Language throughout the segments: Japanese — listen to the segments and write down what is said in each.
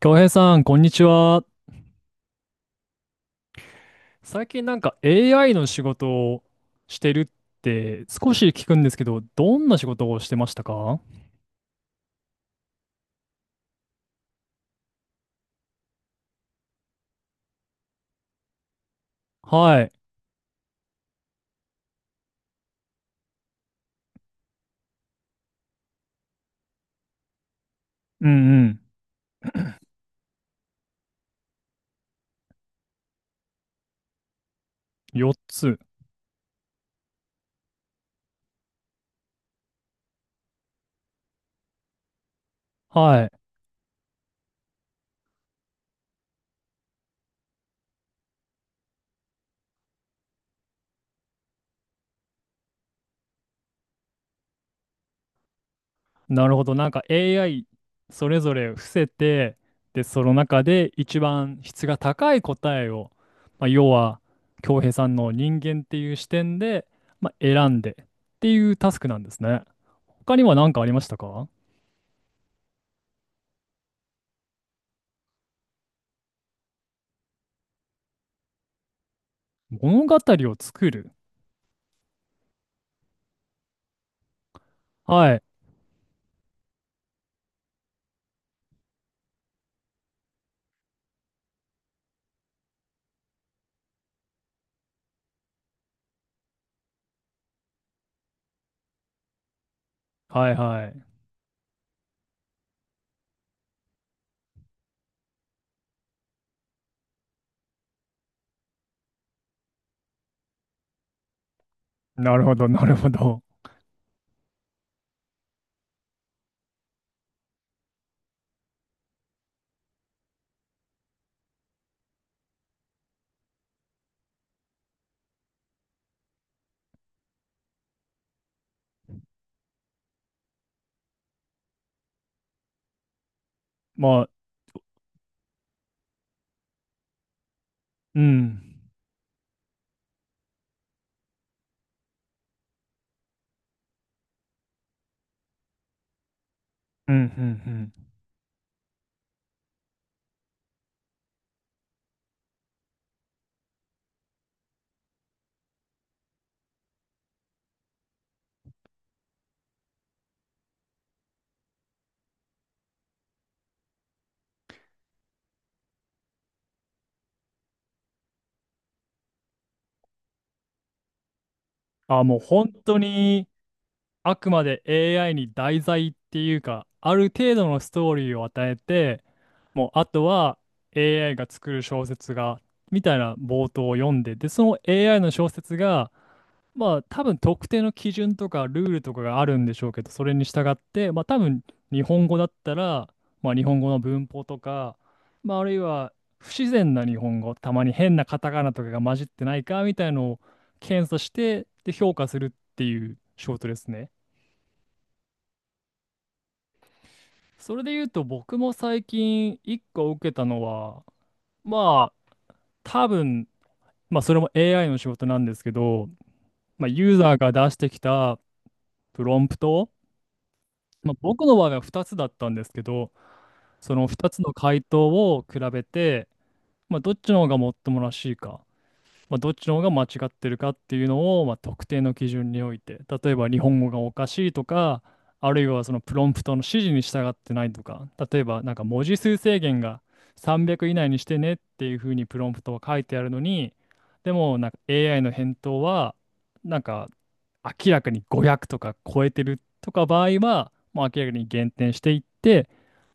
京平さん、こんにちは。最近AI の仕事をしてるって少し聞くんですけど、どんな仕事をしてましたか？はい。うんうん。4つ。はい。なるほど。AI それぞれ伏せて、で、その中で一番質が高い答えを、まあ、要は京平さんの人間っていう視点で、まあ、選んでっていうタスクなんですね。他には何かありましたか？物語を作る。はい。はいはい。なるほど、なるほど。まあ、うん。うん、うん、うん。あ、もう本当に、あくまで AI に題材っていうか、ある程度のストーリーを与えて、もうあとは AI が作る小説が、みたいな冒頭を読んで、で、その AI の小説が、まあ多分特定の基準とかルールとかがあるんでしょうけど、それに従って、まあ多分日本語だったら、まあ日本語の文法とか、まああるいは不自然な日本語、たまに変なカタカナとかが混じってないかみたいのを検査して、で評価するっていう仕事ですね。それで言うと僕も最近一個受けたのは、まあ多分、まあそれも AI の仕事なんですけど、まあユーザーが出してきたプロンプト、まあ、僕の場合は2つだったんですけど、その2つの回答を比べて、まあ、どっちの方がもっともらしいか、まあ、どっちの方が間違ってるかっていうのを、まあ、特定の基準において、例えば日本語がおかしいとか、あるいはそのプロンプトの指示に従ってないとか、例えば文字数制限が300以内にしてねっていうふうにプロンプトは書いてあるのに、でもAI の返答はなんか明らかに500とか超えてるとか場合は、もう明らかに減点していって、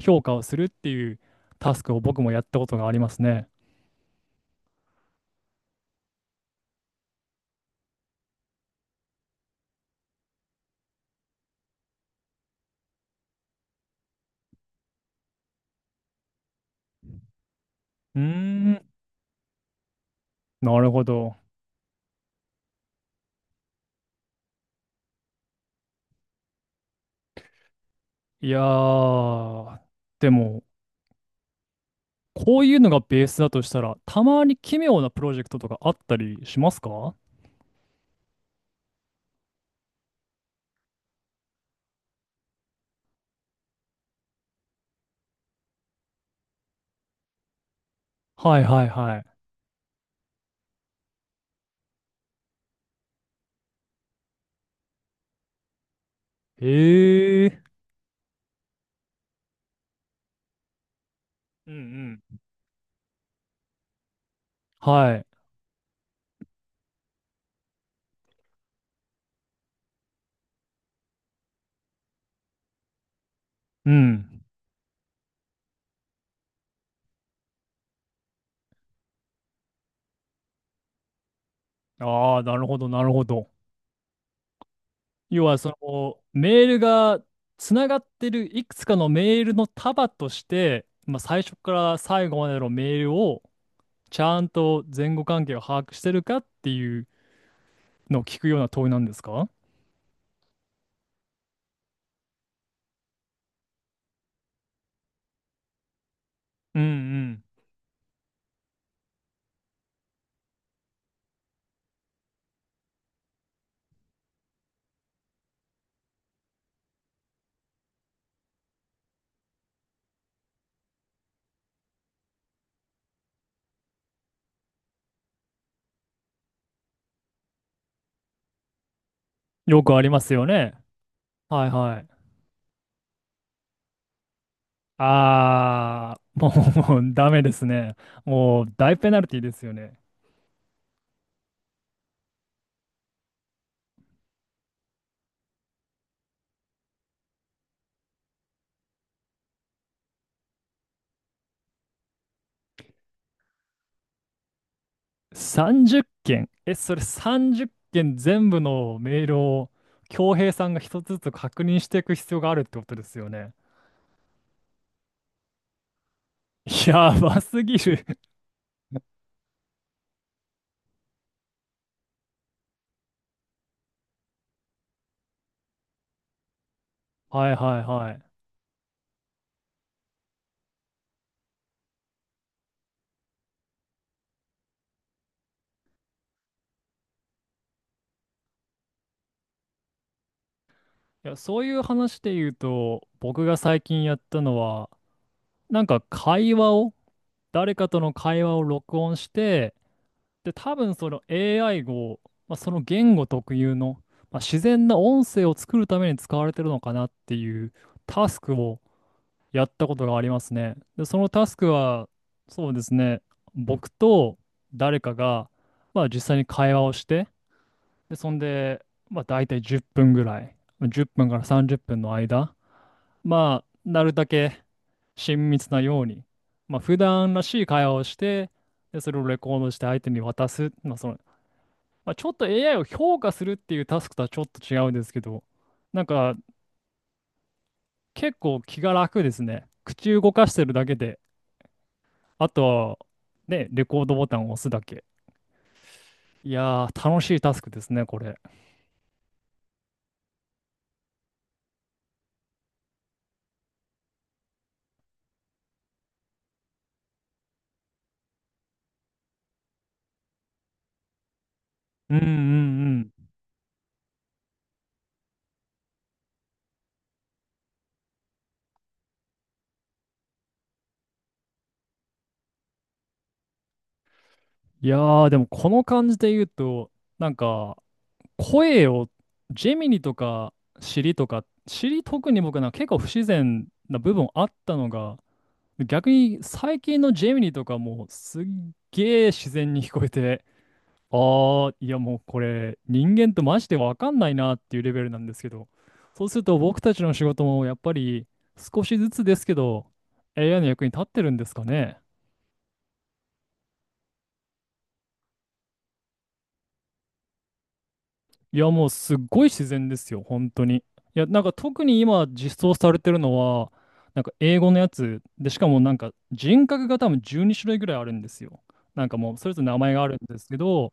評価をするっていうタスクを僕もやったことがありますね。うーん、なるほど。いやー、でも、こういうのがベースだとしたら、たまに奇妙なプロジェクトとかあったりしますか？はいはいはい。ええ。うんうん。はい。うん。ああ、なるほど、なるほど。要はそのメールがつながってるいくつかのメールの束として、まあ、最初から最後までのメールをちゃんと前後関係を把握してるかっていうのを聞くような問いなんですか？うんうん。よくありますよね。はいはい。あー、もうダメですね。もう大ペナルティですよね。30件。え、それ30件全部のメールを、恭平さんが一つずつ確認していく必要があるってことですよね。やばすぎる。はいはいはい。いや、そういう話で言うと、僕が最近やったのは、会話を、誰かとの会話を録音して、で、多分その AI を、まあ、その言語特有の、まあ、自然な音声を作るために使われてるのかなっていうタスクをやったことがありますね。で、そのタスクは、そうですね、僕と誰かが、まあ、実際に会話をして、で、そんで、まあ、大体10分ぐらい、10分から30分の間、まあ、なるだけ親密なように、まあ、普段らしい会話をして、で、それをレコードして相手に渡す。まあ、その、まあ、ちょっと AI を評価するっていうタスクとはちょっと違うんですけど、なんか、結構気が楽ですね。口動かしてるだけで、あとは、ね、レコードボタンを押すだけ。いやー、楽しいタスクですね、これ。うんうんうん。いやー、でもこの感じで言うと、なんか、声を、ジェミニとか、シリとか、シリ特に僕結構不自然な部分あったのが、逆に最近のジェミニとかもすっげー自然に聞こえて、あー、いやもうこれ人間とマジでわかんないなっていうレベルなんですけど、そうすると僕たちの仕事もやっぱり少しずつですけど、AI の役に立ってるんですかね。いや、もうすっごい自然ですよ、本当に。いや、特に今実装されてるのは、英語のやつで、しかも人格が多分12種類ぐらいあるんですよ。なんかもうそれぞれ名前があるんですけど、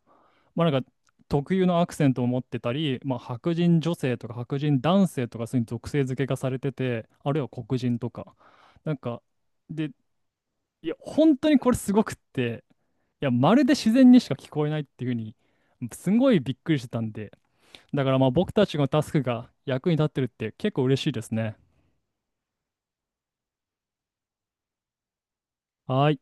まあ特有のアクセントを持ってたり、まあ白人女性とか白人男性とかそういう属性付けがされてて、あるいは黒人とか。なんか、で、いや、本当にこれすごくって、いや、まるで自然にしか聞こえないっていうふうに、すごいびっくりしてたんで、だからまあ僕たちのタスクが役に立ってるって結構嬉しいですね。はい。